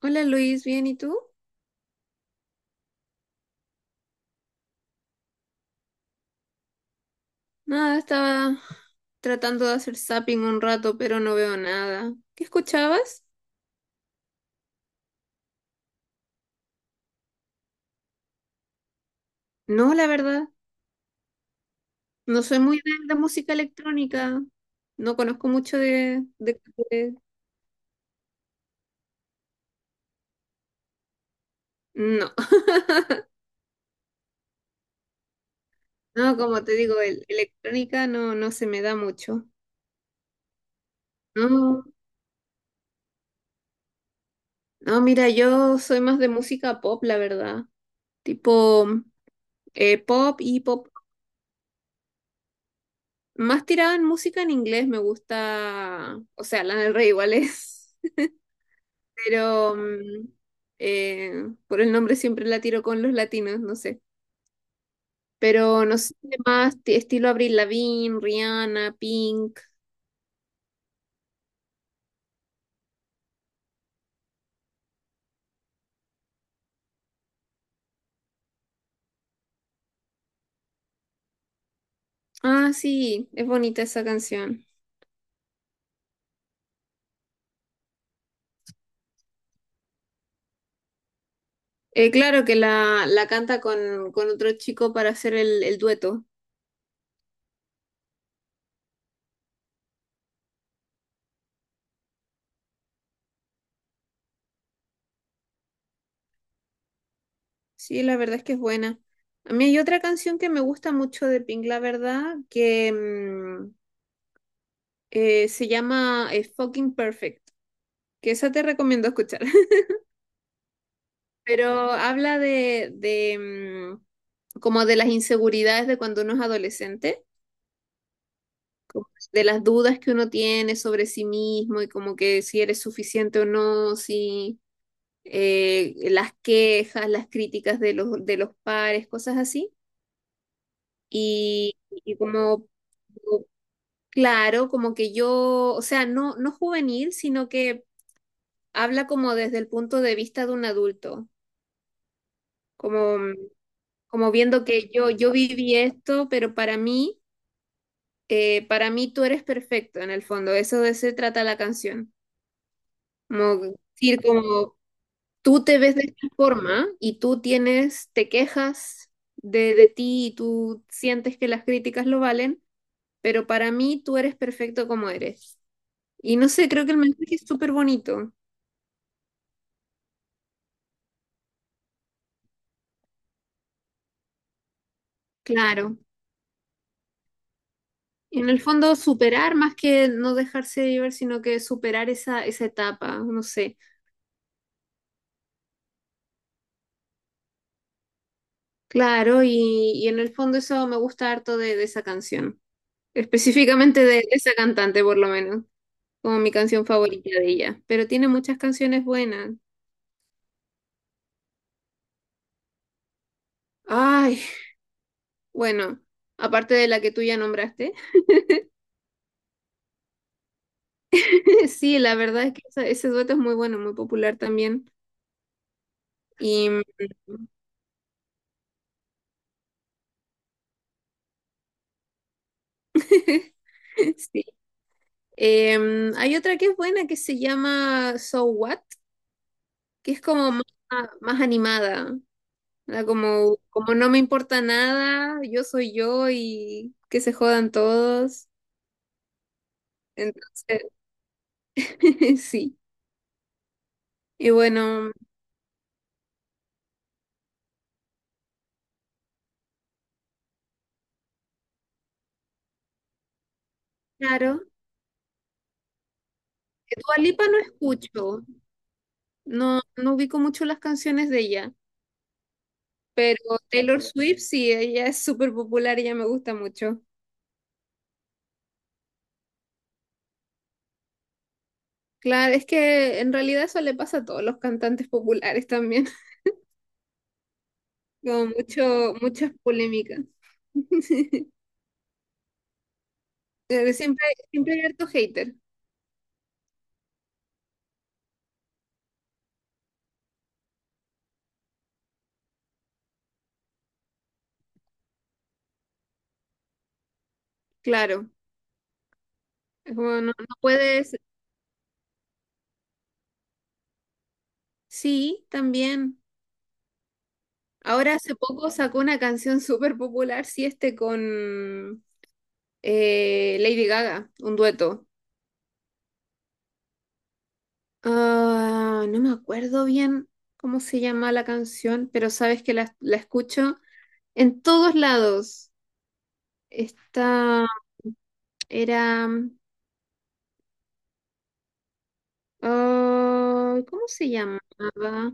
Hola Luis, ¿bien y tú? Nada, estaba tratando de hacer zapping un rato, pero no veo nada. ¿Qué escuchabas? No, la verdad, no soy muy de la música electrónica. No conozco mucho de No. No, como te digo, electrónica no, no se me da mucho. No, no, mira, yo soy más de música pop, la verdad. Tipo pop y pop. Más tirada en música en inglés me gusta. O sea, Lana del Rey igual es. Pero eh, por el nombre siempre la tiro con los latinos, no sé. Pero no sé, más estilo Avril Lavigne, Rihanna, Pink. Ah, sí, es bonita esa canción. Claro que la canta con otro chico para hacer el dueto. Sí, la verdad es que es buena. A mí hay otra canción que me gusta mucho de Pink, la verdad, que se llama Fucking Perfect, que esa te recomiendo escuchar. Pero habla de, mm, como de las inseguridades de cuando uno es adolescente, como de las dudas que uno tiene sobre sí mismo y como que si eres suficiente o no, si las quejas, las críticas de los pares, cosas así. Y, y como, claro, como que yo, o sea, no, no juvenil, sino que habla como desde el punto de vista de un adulto, como, como viendo que yo viví esto, pero para mí tú eres perfecto en el fondo, eso de se trata la canción. Como decir, como tú te ves de esta forma y tú tienes, te quejas de ti y tú sientes que las críticas lo valen, pero para mí tú eres perfecto como eres. Y no sé, creo que el mensaje es súper bonito, claro. En el fondo superar más que no dejarse llevar, sino que superar esa etapa, no sé. Claro, y en el fondo eso me gusta harto de esa canción. Específicamente de esa cantante, por lo menos, como mi canción favorita de ella. Pero tiene muchas canciones buenas. Ay, bueno, aparte de la que tú ya nombraste. Sí, la verdad es que ese dueto es muy bueno, muy popular también. Y mm, sí. Hay otra que es buena que se llama So What, que es como más animada. ¿Verdad? Como, como no me importa nada, yo soy yo y que se jodan todos. Entonces. Sí. Y bueno, claro, Dua Lipa no escucho, no, no ubico mucho las canciones de ella, pero Taylor Swift sí, ella es súper popular y ella me gusta mucho. Claro, es que en realidad eso le pasa a todos los cantantes populares también, con muchas polémicas. Pero siempre hay harto hater, claro. Es como no, no puedes. Sí, también. Ahora hace poco sacó una canción súper popular, sí, este con Lady Gaga, un dueto. Ah, no me acuerdo bien cómo se llama la canción, pero sabes que la escucho en todos lados. Esta era... ah, ¿cómo se llamaba?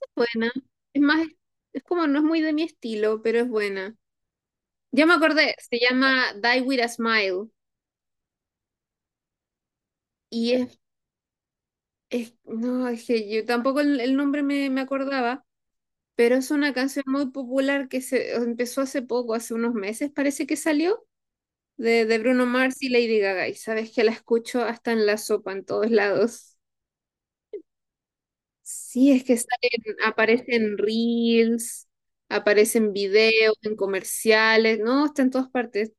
Es buena. Es más, es como no es muy de mi estilo, pero es buena. Ya me acordé, se llama Die With a Smile. Y es, no, es que yo tampoco el nombre me acordaba. Pero es una canción muy popular que se empezó hace poco, hace unos meses parece que salió, de Bruno Mars y Lady Gaga. Y sabes que la escucho hasta en la sopa, en todos lados. Sí, es que salen, aparecen reels, aparecen videos, en comerciales, no, está en todas partes.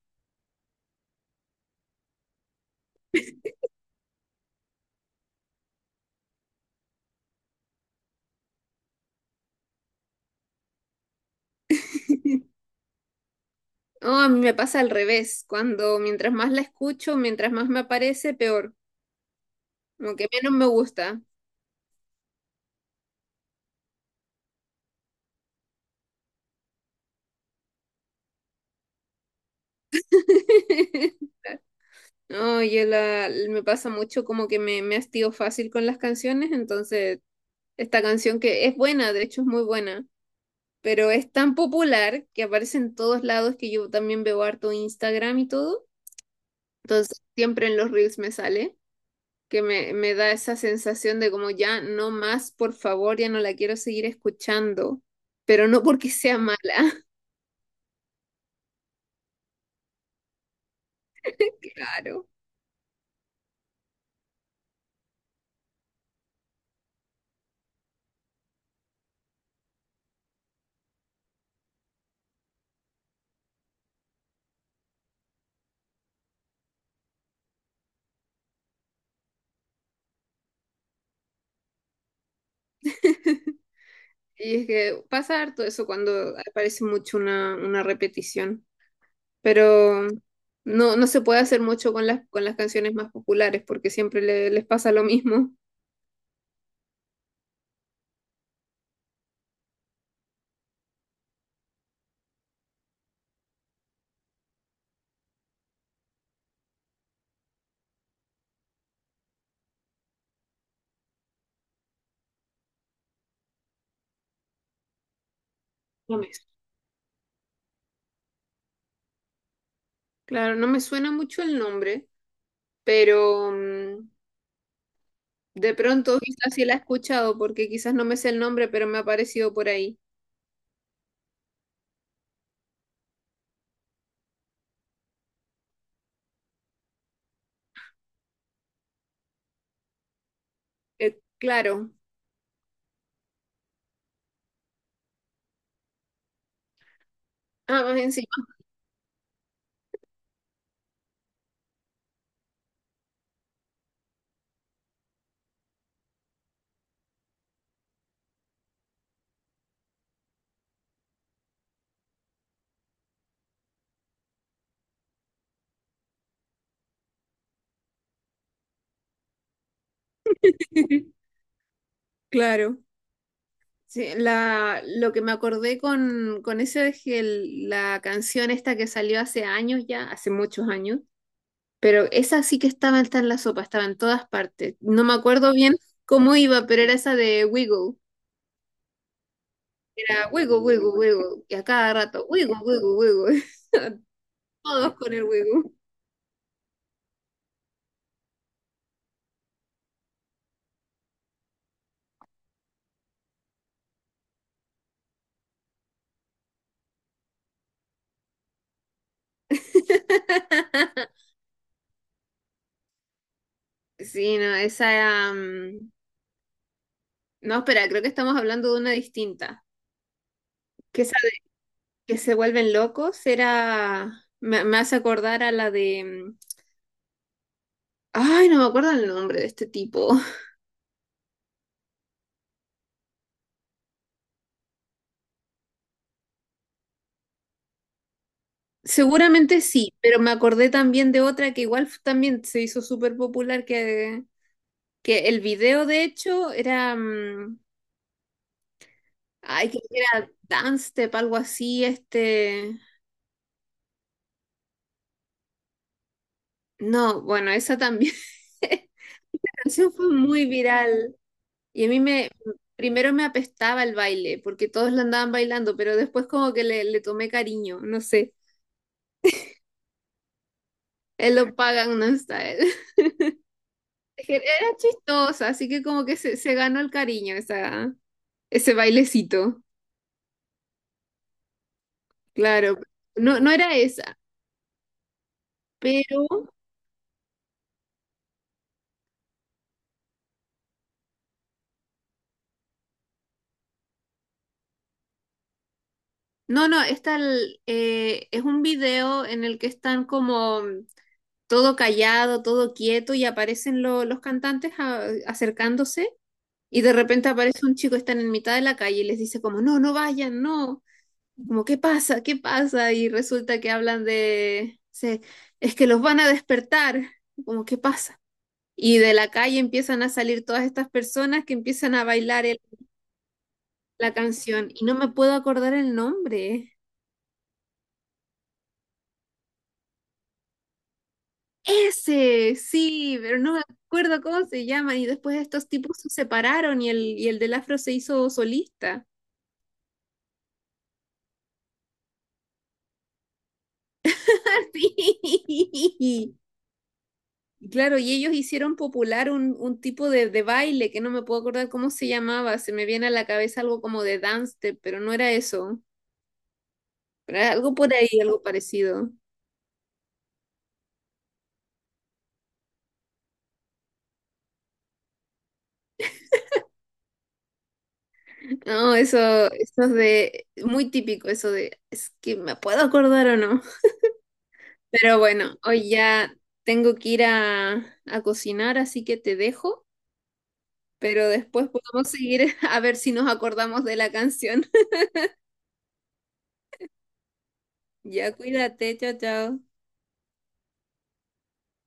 No, a mí me pasa al revés, cuando mientras más la escucho, mientras más me aparece, peor, como que menos me gusta. No, me pasa mucho como que me hastío fácil con las canciones, entonces esta canción que es buena, de hecho es muy buena, pero es tan popular que aparece en todos lados, que yo también veo harto Instagram y todo, entonces siempre en los reels me sale, que me da esa sensación de como ya no más, por favor, ya no la quiero seguir escuchando, pero no porque sea mala, claro. Y es que pasa harto eso cuando aparece mucho una repetición. Pero no, no se puede hacer mucho con con las canciones más populares porque siempre les pasa lo mismo. Lo mismo. Claro, no me suena mucho el nombre, pero de pronto quizás sí la he escuchado porque quizás no me sé el nombre, pero me ha aparecido por ahí. Claro, ah, más encima. Claro. Sí, lo que me acordé con eso es que la canción esta que salió hace años ya, hace muchos años. Pero esa sí que estaba, está en la sopa, estaba en todas partes. No me acuerdo bien cómo iba, pero era esa de Wiggle. Era Wiggle, Wiggle, Wiggle. Y a cada rato, Wiggle, Wiggle, Wiggle. Todos con el Wiggle. Sí, no, esa... No, espera, creo que estamos hablando de una distinta. Que esa de que se vuelven locos era... Me hace acordar a la de... mm, Ay, no me acuerdo el nombre de este tipo. Seguramente sí, pero me acordé también de otra que igual también se hizo súper popular, que el video de hecho era ay, que era Dance Step, algo así, este, no, bueno, esa también, esa canción fue muy viral y a mí primero me apestaba el baile, porque todos la andaban bailando, pero después como que le tomé cariño, no sé, él lo pagan no está él. Era chistosa, así que como que se ganó el cariño esa. Ese bailecito, claro. No, no era esa, pero no, no, esta es un video en el que están como todo callado, todo quieto y aparecen los cantantes acercándose y de repente aparece un chico, están en mitad de la calle y les dice como, no, no vayan, no, como, ¿qué pasa? ¿Qué pasa? Y resulta que hablan de, es que los van a despertar, como, ¿qué pasa? Y de la calle empiezan a salir todas estas personas que empiezan a bailar la canción y no me puedo acordar el nombre. Ese, sí, pero no me acuerdo cómo se llama. Y después estos tipos se separaron y el del afro se hizo solista. Sí. Y claro, y ellos hicieron popular un tipo de baile que no me puedo acordar cómo se llamaba. Se me viene a la cabeza algo como de dance, step, pero no era eso. Pero era algo por ahí, algo parecido. No, eso es de muy típico, eso de es que me puedo acordar o no. Pero bueno, hoy ya tengo que ir a cocinar, así que te dejo, pero después podemos seguir a ver si nos acordamos de la canción. Ya cuídate, chao, chao.